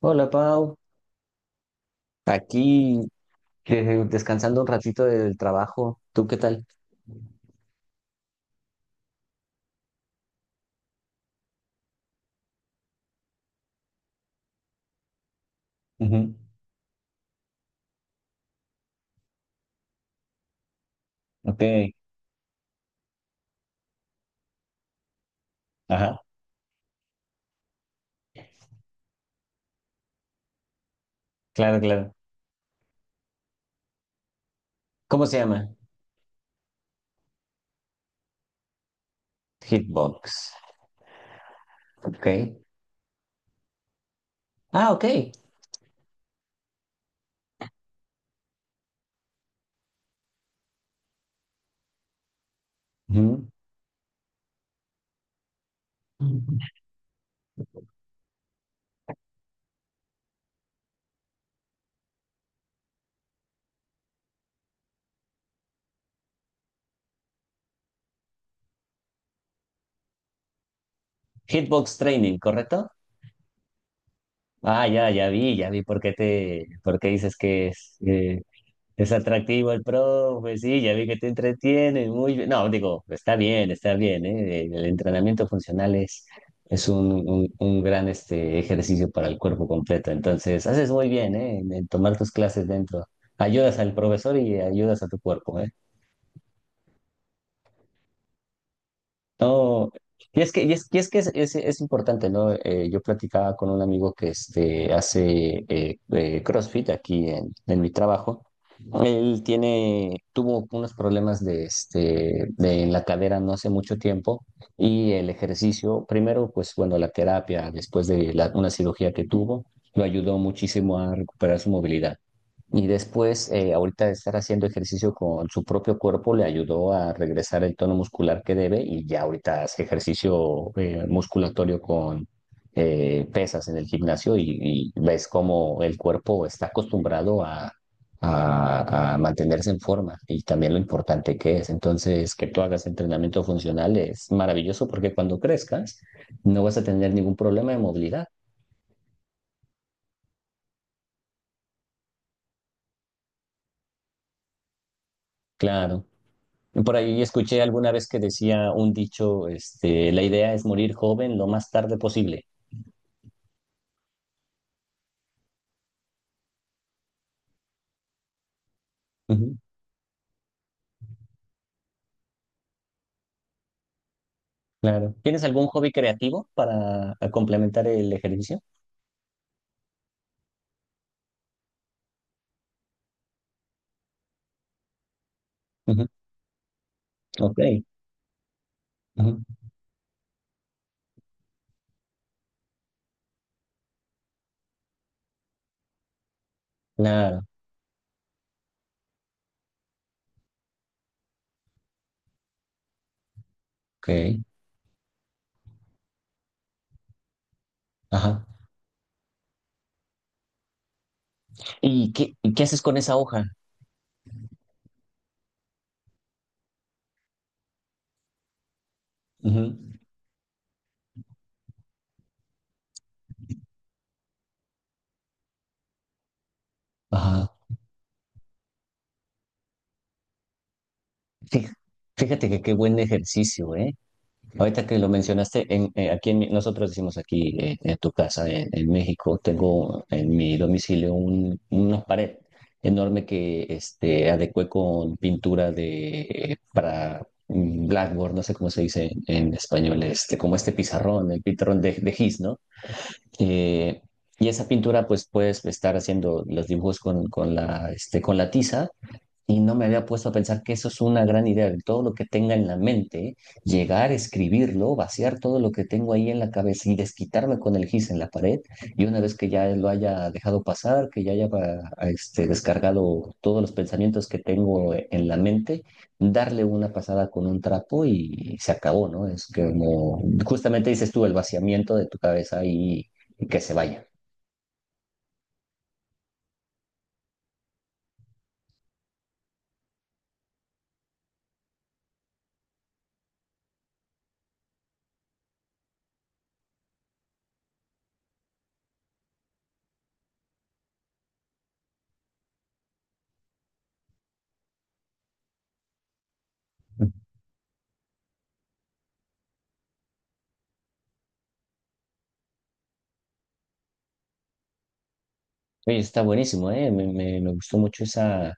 Hola Pau, aquí descansando un ratito del trabajo. ¿Tú qué tal? Ujú. Ok, ajá, claro, claro. ¿Cómo se llama? Hitbox. Ok. Ah, ok. Ujú. Hitbox Training, ¿correcto? Ah, ya vi por qué por qué dices que es. Es atractivo el profe, sí, ya vi que te entretiene, muy bien. No, digo, está bien, ¿eh? El entrenamiento funcional es un gran este, ejercicio para el cuerpo completo. Entonces, haces muy bien, ¿eh? En tomar tus clases dentro. Ayudas al profesor y ayudas a tu cuerpo, ¿eh? No, y es que es importante, ¿no? Yo platicaba con un amigo que este, hace CrossFit aquí en mi trabajo. Él tuvo unos problemas este, en la cadera no hace mucho tiempo y el ejercicio, primero, pues bueno, la terapia después de una cirugía que tuvo, lo ayudó muchísimo a recuperar su movilidad. Y después, ahorita de estar haciendo ejercicio con su propio cuerpo, le ayudó a regresar el tono muscular que debe y ya ahorita hace ejercicio musculatorio con pesas en el gimnasio y ves cómo el cuerpo está acostumbrado a mantenerse en forma y también lo importante que es. Entonces, que tú hagas entrenamiento funcional es maravilloso porque cuando crezcas no vas a tener ningún problema de movilidad. Claro. Por ahí escuché alguna vez que decía un dicho, este, la idea es morir joven lo más tarde posible. Ujú, claro. ¿Tienes algún hobby creativo para a complementar el ejercicio? Ujú, ok. Ujú, claro. Ok. Ajá. ¿Y qué haces con esa hoja? Ujú, ajá. Fí- Fíjate que qué buen ejercicio, ¿eh? Ahorita que lo mencionaste, aquí en nosotros decimos aquí en tu casa, en México, tengo en mi domicilio una pared enorme que este, adecué con pintura para blackboard, no sé cómo se dice en español, este, como este pizarrón, el pizarrón de gis, ¿no? Eh, y esa pintura, pues puedes estar haciendo los dibujos con la tiza y no me había puesto a pensar que eso es una gran idea, el todo lo que tenga en la mente, llegar, escribirlo, vaciar todo lo que tengo ahí en la cabeza y desquitarme con el gis en la pared. Y una vez que ya lo haya dejado pasar, que ya haya este, descargado todos los pensamientos que tengo en la mente, darle una pasada con un trapo y se acabó, ¿no? Es que como justamente dices tú, el vaciamiento de tu cabeza y que se vaya. Oye, está buenísimo, ¿eh? Me gustó mucho esa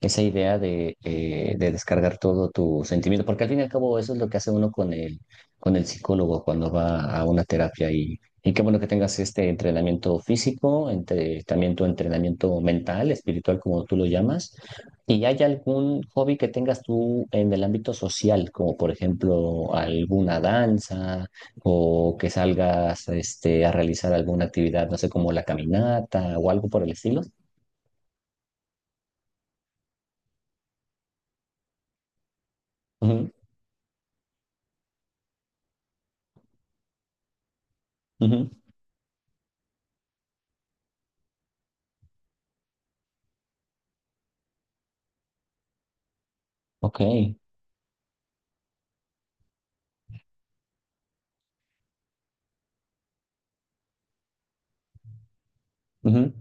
idea de descargar todo tu sentimiento, porque al fin y al cabo eso es lo que hace uno con con el psicólogo cuando va a una terapia y qué bueno que tengas este entrenamiento físico, también tu entrenamiento mental, espiritual, como tú lo llamas. ¿Y hay algún hobby que tengas tú en el ámbito social, como por ejemplo alguna danza o que salgas este, a realizar alguna actividad, no sé, como la caminata o algo por el estilo? Ujú, ujú, Ok. Ujú.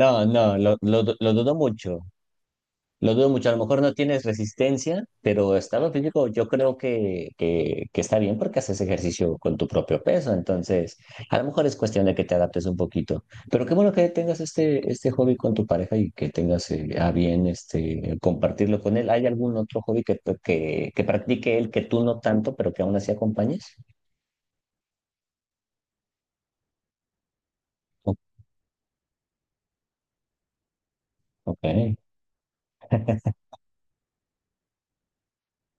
No, no, lo dudo mucho. Lo dudo mucho. A lo mejor no tienes resistencia, pero estado físico yo creo que está bien porque haces ejercicio con tu propio peso. Entonces, a lo mejor es cuestión de que te adaptes un poquito. Pero qué bueno que tengas este hobby con tu pareja y que tengas a bien este, compartirlo con él. ¿Hay algún otro hobby que practique él que tú no tanto, pero que aún así acompañes? O- Ok,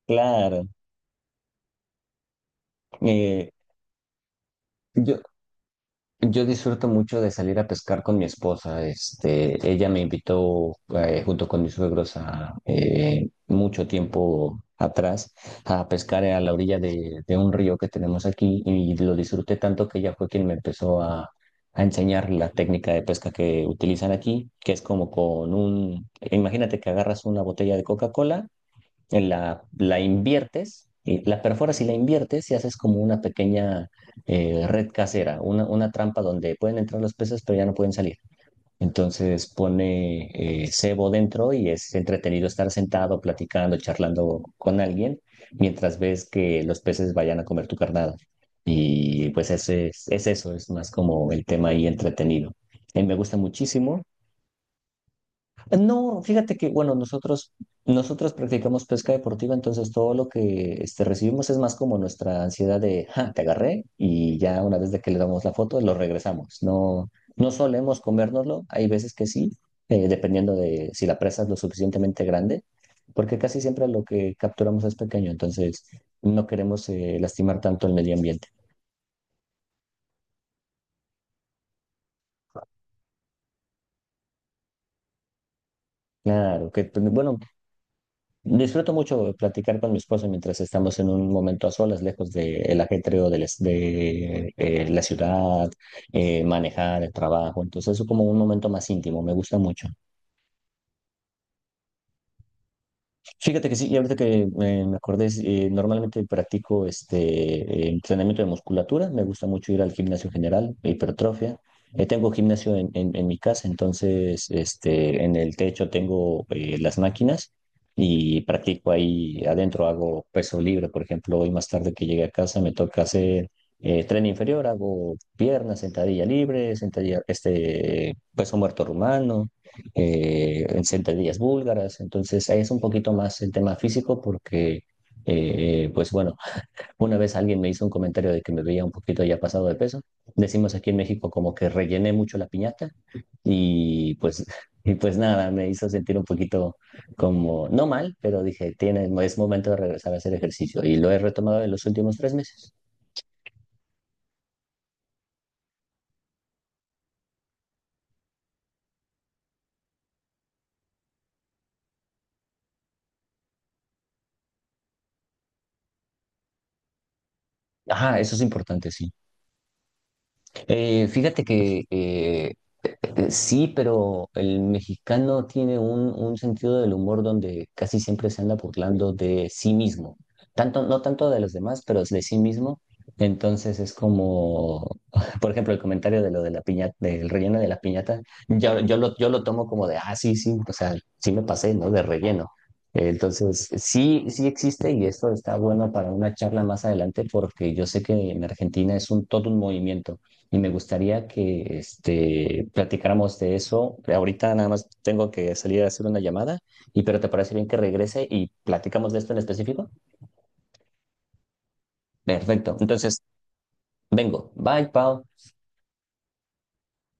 claro. Eh, yo, Yo disfruto mucho de salir a pescar con mi esposa. Este, ella me invitó junto con mis suegros a mucho tiempo atrás a pescar a la orilla de un río que tenemos aquí y lo disfruté tanto que ella fue quien me empezó a enseñar la técnica de pesca que utilizan aquí, que es como imagínate que agarras una botella de Coca-Cola, la inviertes, y la perforas y la inviertes y haces como una pequeña red casera, una trampa donde pueden entrar los peces pero ya no pueden salir. Entonces pone cebo dentro y es entretenido estar sentado, platicando, charlando con alguien mientras ves que los peces vayan a comer tu carnada. Y pues ese es eso, es más como el tema ahí entretenido. Me gusta muchísimo. No, fíjate que, bueno, nosotros practicamos pesca deportiva, entonces todo lo que este, recibimos es más como nuestra ansiedad de, ja, te agarré, y ya una vez de que le damos la foto, lo regresamos. No, no solemos comérnoslo, hay veces que sí, dependiendo de si la presa es lo suficientemente grande, porque casi siempre lo que capturamos es pequeño, entonces no queremos lastimar tanto el medio ambiente. Claro, que, pues, bueno, disfruto mucho platicar con mi esposa mientras estamos en un momento a solas, lejos del ajetreo de la ciudad, manejar el trabajo. Entonces es como un momento más íntimo, me gusta mucho. Fíjate que sí, y ahorita que me acordé, normalmente practico este entrenamiento de musculatura, me gusta mucho ir al gimnasio general, hipertrofia. Tengo gimnasio en mi casa, entonces este, en el techo tengo las máquinas y practico ahí adentro, hago peso libre, por ejemplo, hoy más tarde que llegué a casa me toca hacer tren inferior, hago piernas, sentadilla libre, sentadilla, este, peso muerto rumano, en sentadillas búlgaras, entonces ahí es un poquito más el tema físico porque, pues bueno, una vez alguien me hizo un comentario de que me veía un poquito ya pasado de peso, decimos aquí en México como que rellené mucho la piñata y pues, y pues nada, me hizo sentir un poquito como, no mal, pero dije, es momento de regresar a hacer ejercicio y lo he retomado en los últimos 3 meses. Ah, eso es importante, sí. Fíjate que sí, pero el mexicano tiene un sentido del humor donde casi siempre se anda burlando de sí mismo. No tanto de los demás, pero de sí mismo. Entonces es como, por ejemplo, el comentario de lo de la piñata, del relleno de la piñata, yo lo tomo como de, ah, sí, sí, o sea, sí me pasé, ¿no? De relleno. Entonces, sí, sí existe y esto está bueno para una charla más adelante porque yo sé que en Argentina es un todo un movimiento y me gustaría que este, platicáramos de eso. Ahorita nada más tengo que salir a hacer una llamada, pero ¿te parece bien que regrese y platicamos de esto en específico? Perfecto. Entonces, vengo. Bye, Pau.